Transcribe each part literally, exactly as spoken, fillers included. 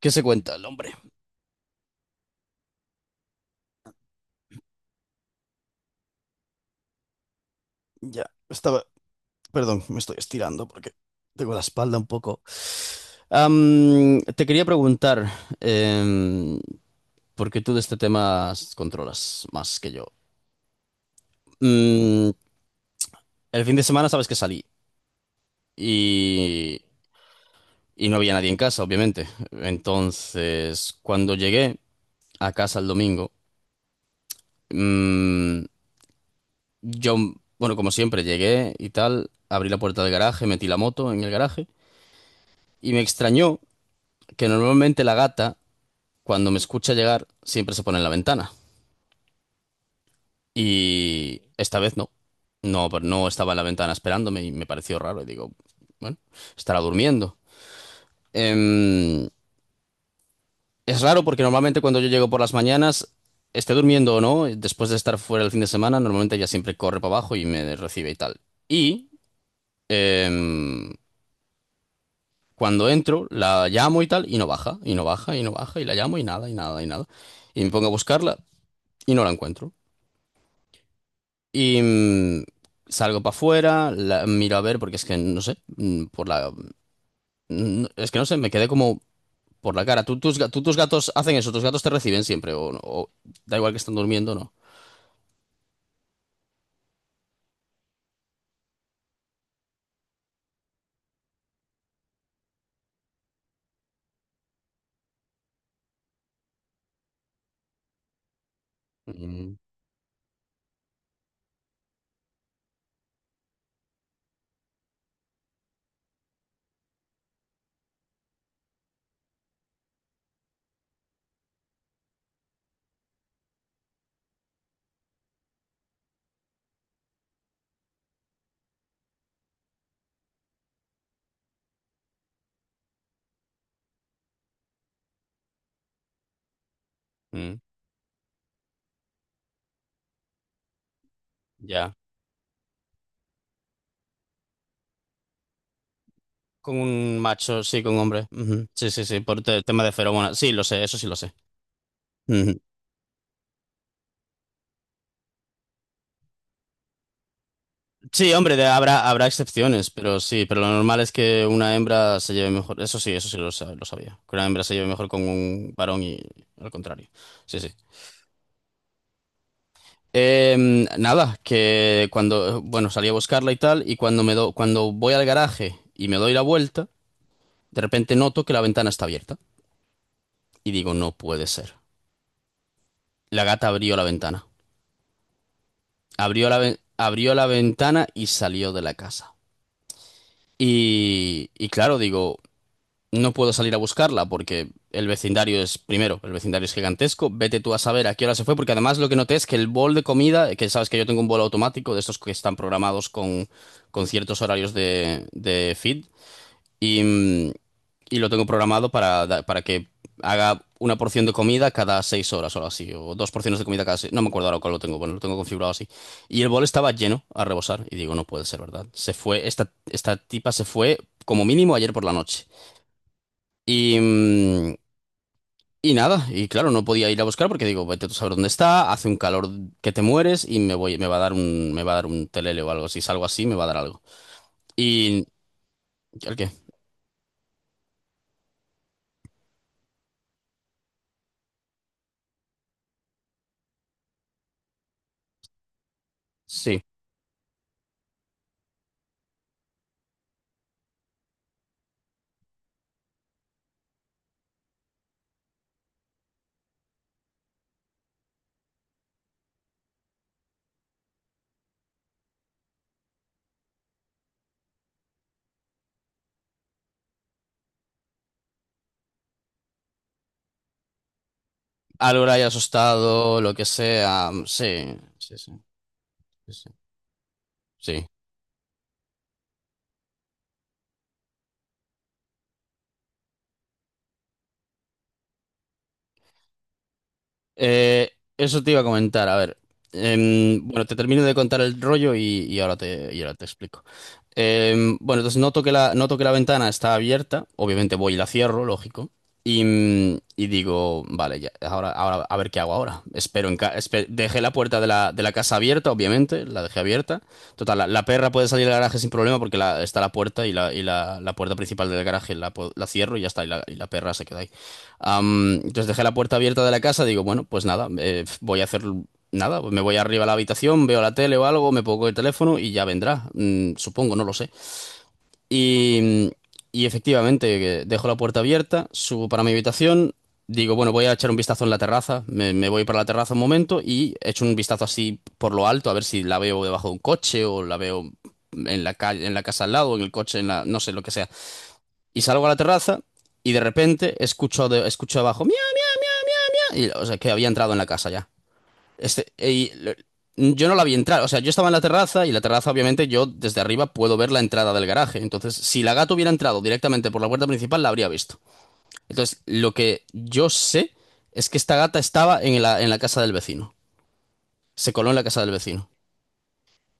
¿Qué se cuenta el hombre? Ya, estaba, perdón, me estoy estirando porque tengo la espalda un poco. Am, te quería preguntar, em, porque tú de este tema controlas más que yo. Mm, el fin de semana sabes que salí y, y no había nadie en casa, obviamente. Entonces, cuando llegué a casa el domingo, mm, yo, bueno, como siempre, llegué y tal, abrí la puerta del garaje, metí la moto en el garaje y me extrañó que normalmente la gata, cuando me escucha llegar, siempre se pone en la ventana. Y esta vez no. No, pero no estaba en la ventana esperándome y me pareció raro. Y digo, bueno, estará durmiendo. Em, es raro porque normalmente cuando yo llego por las mañanas, esté durmiendo o no, después de estar fuera el fin de semana, normalmente ella siempre corre para abajo y me recibe y tal. Y em, cuando entro, la llamo y tal, y no baja, y no baja, y no baja, y la llamo y nada, y nada, y nada. Y me pongo a buscarla y no la encuentro. Y mm, salgo para afuera, la- miro a ver, porque es que no sé, mm, por la. Mm, no, es que no sé, me quedé como por la cara. ¿Tú, tus, ga- tú, tus gatos hacen eso? ¿Tus gatos te reciben siempre? ¿O no? ¿O da igual que están durmiendo, no? Mm. Mm. Ya. Con un macho, sí, con un hombre. Ujú. Sí, sí, sí, por te- tema de feromonas. Sí, lo sé, eso sí lo sé. Ujú. Sí, hombre, de- habrá, habrá excepciones, pero sí, pero lo normal es que una hembra se lleve mejor. Eso sí, eso sí lo, sa- lo sabía. Que una hembra se lleve mejor con un varón y al contrario. Sí, sí. Em, nada, que cuando, bueno, salí a buscarla y tal, y cuando me do- cuando voy al garaje y me doy la vuelta, de repente noto que la ventana está abierta. Y digo, no puede ser. La gata abrió la ventana. Abrió la, ve- abrió la ventana y salió de la casa. Y, y claro, digo, no puedo salir a buscarla porque el vecindario es, primero, el vecindario es gigantesco. Vete tú a saber a qué hora se fue, porque además lo que noté es que el bol de comida, que sabes que yo tengo un bol automático de estos que están programados con, con ciertos horarios de, de feed, y, mm, y lo tengo programado para, da- para que haga una porción de comida cada seis horas o algo así, o dos porciones de comida cada seis, no me acuerdo ahora cuál lo tengo, bueno, lo tengo configurado así. Y el bol estaba lleno a rebosar, y digo, no puede ser verdad. Se fue, esta, esta tipa se fue como mínimo ayer por la noche. Y, mm, y nada, y claro, no podía ir a buscar porque digo, vete tú a saber dónde está, hace un calor que te mueres y me voy, me va a dar un, me va a dar un telele o algo. Si salgo así, me va a dar algo. Y, ¿el qué? Sí. Algo le haya asustado, lo que sea. Sí, sí, sí, sí, sí. Sí. Eh, Eso te iba a comentar, a ver. Em, bueno, te termino de contar el rollo y, y ahora te, y ahora te explico. Em, bueno, entonces noto que la, noto que la, ventana está abierta, obviamente voy y la cierro, lógico, y, mm, y digo, vale, ya, ahora, ahora a ver qué hago ahora. Espero en ca- espe- Dejé la puerta de la, de la casa abierta, obviamente, la dejé abierta. Total, la, la perra puede salir del garaje sin problema porque la- está la puerta y la, y la, la puerta principal del garaje la, po- la cierro y ya está, y la, y la perra se queda ahí. Am, entonces dejé la puerta abierta de la casa, digo, bueno, pues nada, eh, voy a hacer nada, pues me voy arriba a la habitación, veo la tele o algo, me pongo el teléfono y ya vendrá, mm, supongo, no lo sé. Y, y efectivamente, eh, dejo la puerta abierta, subo para mi habitación, digo, bueno, voy a echar un vistazo en la terraza, me, me voy para la terraza un momento y echo un vistazo así por lo alto, a ver si la veo debajo de un coche o la veo en la calle, en la casa al lado, en el coche, en la, no sé, lo que sea. Y salgo a la terraza y de repente escucho, de- escucho abajo, ¡miau! Y, o sea, que había entrado en la casa ya. Este, y lo- yo no la vi entrar, o sea, yo estaba en la terraza y la terraza obviamente yo desde arriba puedo ver la entrada del garaje. Entonces, si la gata hubiera entrado directamente por la puerta principal, la habría visto. Entonces, lo que yo sé es que esta gata estaba en la, en la casa del vecino. Se coló en la casa del vecino.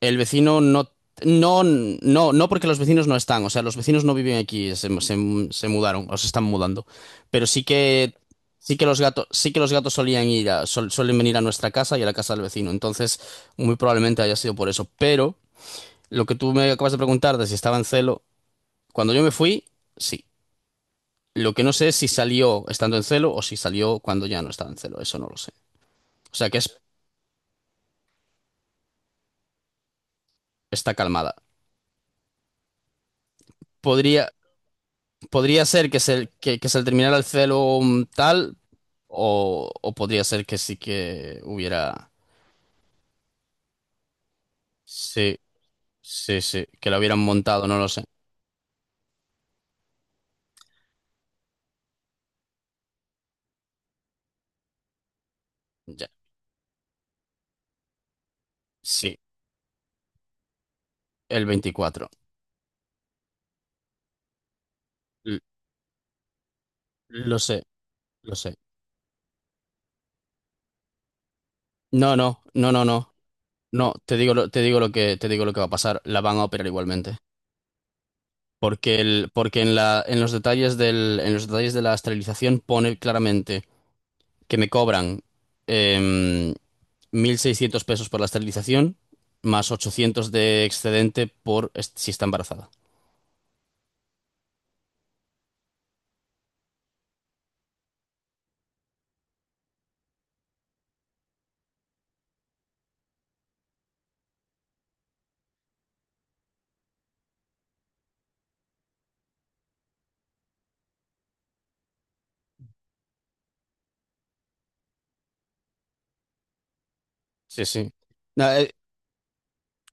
El vecino no, no, no, no porque los vecinos no están, o sea, los vecinos no viven aquí, se, se- se mudaron o se están mudando, pero sí que, sí que los gatos, sí que los gatos solían ir a- sol- suelen venir a nuestra casa y a la casa del vecino, entonces muy probablemente haya sido por eso, pero lo que tú me acabas de preguntar de si estaba en celo, cuando yo me fui, sí. Lo que no sé es si salió estando en celo o si salió cuando ya no estaba en celo, eso no lo sé. O sea que es, está calmada. Podría, podría ser que se, que, que se le terminara el celo mm, tal, o, o podría ser que sí que hubiera. Sí, sí, sí, que lo hubieran montado, no lo sé. Ya, sí, el veinticuatro. L- lo sé, lo sé. No, no, no, no, no. No, te digo lo, te digo lo que, te digo lo que va a pasar. La van a operar igualmente. Porque el, porque en la, en los detalles del, en los detalles de la esterilización pone claramente que me cobran em, mil seiscientos pesos por la esterilización, más ochocientos de excedente por est- si está embarazada. Sí, sí. No, eh,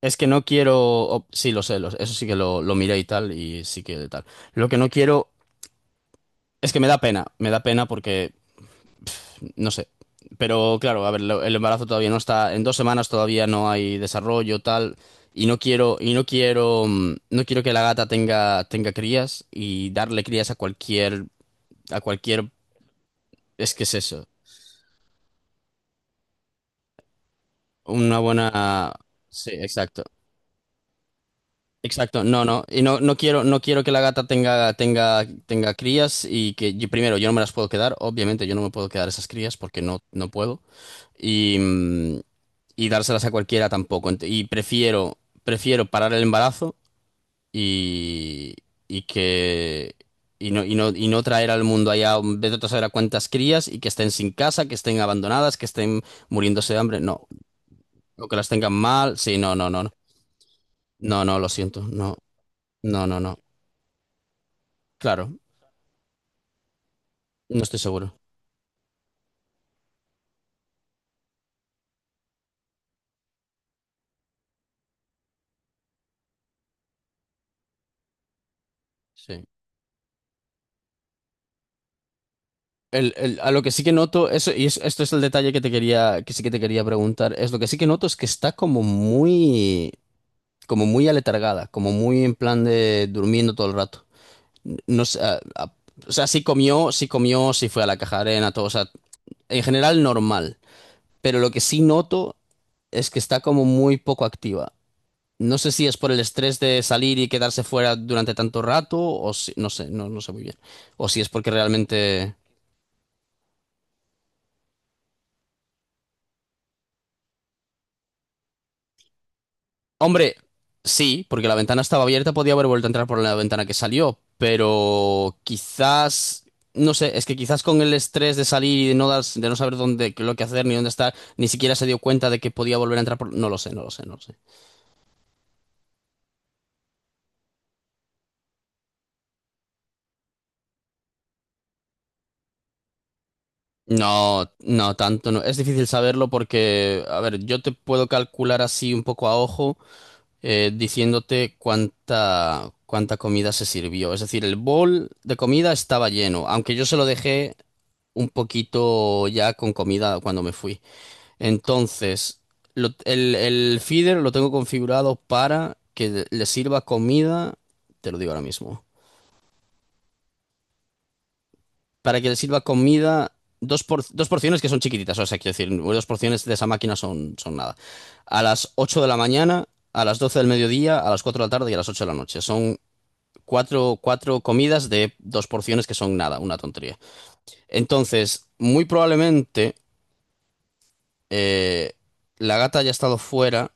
es que no quiero. o- Sí, lo sé, lo sé, eso sí que lo, lo miré y tal, y sí que tal. Lo que no quiero es que me da pena, me da pena porque no sé. Pero claro, a ver, lo- el embarazo todavía no está, en dos semanas todavía no hay desarrollo, tal, y no quiero, y no quiero, mm, no quiero que la gata tenga, tenga, crías y darle crías a cualquier, a cualquier, es que es eso, una buena, sí, exacto. Exacto, no, no, y no, no quiero, no quiero que la gata tenga, tenga, tenga crías y que yo- primero yo no me las puedo quedar, obviamente yo no me puedo quedar esas crías porque no, no puedo y, mm, y dárselas a cualquiera tampoco. Ent- y prefiero, prefiero parar el embarazo y, y que y no, y no, y no traer al mundo allá un- vete tú a saber a cuántas crías y que estén sin casa, que estén abandonadas, que estén muriéndose de hambre, no, o que las tengan mal, sí, no, no, no, no, no, no, lo siento, no, no, no, no. Claro. No estoy seguro. Sí. El- el- a lo que sí que noto, eso, y es- esto es el detalle que te quería, que sí que te quería, preguntar, es lo que sí que noto es que está como muy, como muy aletargada, como muy en plan de durmiendo todo el rato. No sé, a- a- o sea, sí comió, sí comió, sí fue a la caja de arena, todo, o sea, en general normal. Pero lo que sí noto es que está como muy poco activa. No sé si es por el estrés de salir y quedarse fuera durante tanto rato, o si, no sé, no, no sé muy bien. O si es porque realmente. Hombre, sí, porque la ventana estaba abierta, podía haber vuelto a entrar por la ventana que salió, pero quizás, no sé, es que quizás con el estrés de salir y de no, dar- de no saber dónde, qué- lo que hacer ni dónde estar, ni siquiera se dio cuenta de que podía volver a entrar por... No lo sé, no lo sé, no lo sé. No, no, tanto no. Es difícil saberlo porque, a ver, yo te puedo calcular así un poco a ojo. Eh, diciéndote cuánta, cuánta comida se sirvió. Es decir, el bol de comida estaba lleno, aunque yo se lo dejé un poquito ya con comida cuando me fui. Entonces, lo- el, el feeder lo tengo configurado para que le sirva comida, te lo digo ahora mismo, para que le sirva comida. Dos, por- dos porciones que son chiquititas, o sea, quiero decir, dos porciones de esa máquina son, son nada. A las ocho de la mañana, a las doce del mediodía, a las cuatro de la tarde y a las ocho de la noche. Son cuatro, cuatro comidas de dos porciones que son nada, una tontería. Entonces, muy probablemente eh, la gata haya estado fuera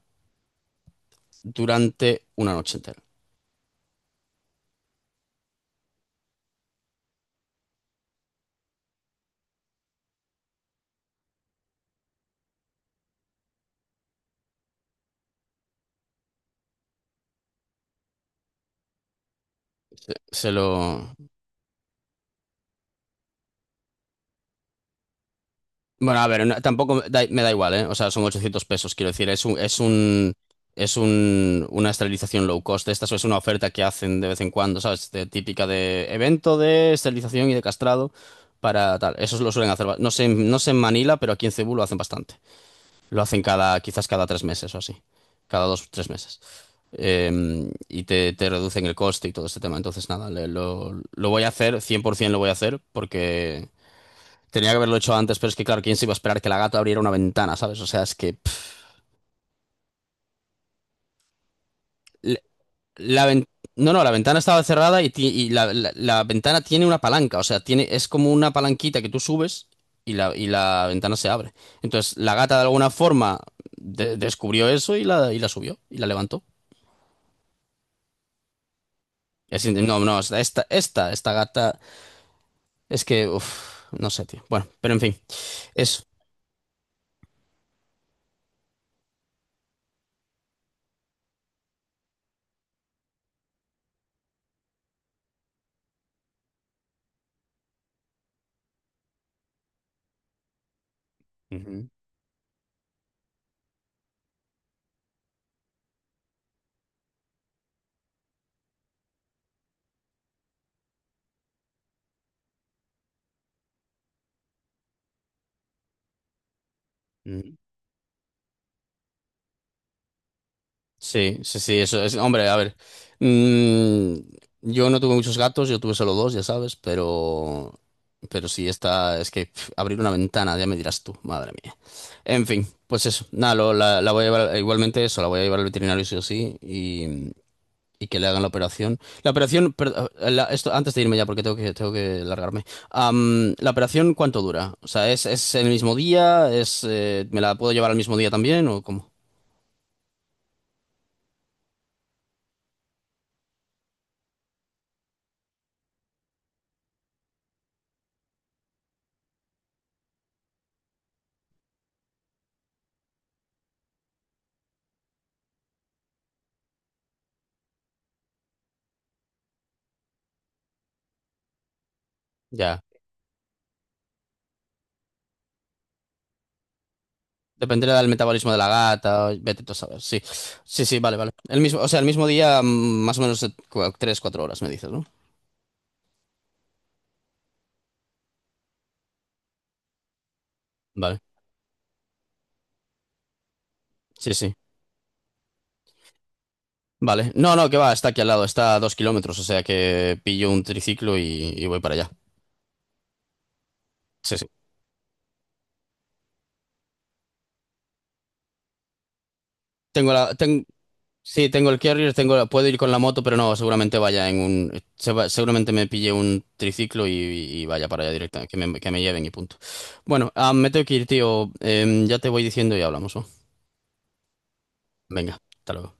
durante una noche entera. Se lo... Bueno, a ver, no- tampoco me da, me da igual, ¿eh? O sea, son ochocientos pesos, quiero decir, es un, es un, es un, una esterilización low cost. Esta es una oferta que hacen de vez en cuando, ¿sabes? De- típica de evento de esterilización y de castrado para tal. Eso lo suelen hacer. ba- No sé, en- no sé en Manila, pero aquí en Cebú lo hacen bastante. Lo hacen cada, quizás cada tres meses o así. Cada dos, tres meses. Eh, y te, te reducen el coste y todo este tema. Entonces, nada, le- lo, lo voy a hacer, cien por ciento lo voy a hacer, porque tenía que haberlo hecho antes, pero es que, claro, ¿quién se iba a esperar que la gata abriera una ventana?, ¿sabes? O sea, es que... pff, le- la ven- no, no, la ventana estaba cerrada y, ti- y la, la- la ventana tiene una palanca, o sea, tiene, es como una palanquita que tú subes y la, y la ventana se abre. Entonces, la gata de alguna forma de- descubrió eso y la, y la subió y la levantó. Es in- no, no, esta, esta, esta, esta gata es que, uff, no sé, tío. Bueno, pero en fin, eso. Ujú, ujú. Sí, sí, sí, eso es. Hombre, a ver. mm, yo no tuve muchos gatos, yo tuve solo dos, ya sabes, pero. Pero sí, esta es que pf, abrir una ventana, ya me dirás tú, madre mía. En fin, pues eso. Nada, lo- la, la voy a llevar, igualmente eso, la voy a llevar al veterinario sí o sí y que le hagan la operación. La operación, per- eh, la- esto, antes de irme ya porque tengo que, tengo que largarme. Am, ¿la operación cuánto dura? O sea, ¿es, es el mismo día? ¿Es, eh, me la puedo llevar al mismo día también o cómo? Ya. Dependerá del metabolismo de la gata, vete tú a saber. Sí, sí, sí, vale, vale. El mismo, o sea, el mismo día, mm, más o menos eh, cua- tres, cuatro horas, me dices, ¿no? Vale, sí, sí. Vale. No, no, que va, está aquí al lado, está a dos kilómetros, o sea que pillo un triciclo y, y voy para allá. Sí, sí. Tengo la, ten- Sí, tengo el carrier, tengo, puedo ir con la moto, pero no, seguramente vaya en un, se va- seguramente me pille un triciclo y, y vaya para allá directamente, que me, que me lleven y punto. Bueno, ah, me tengo que ir, tío. Em, ya te voy diciendo y hablamos, ¿no? Venga, hasta luego.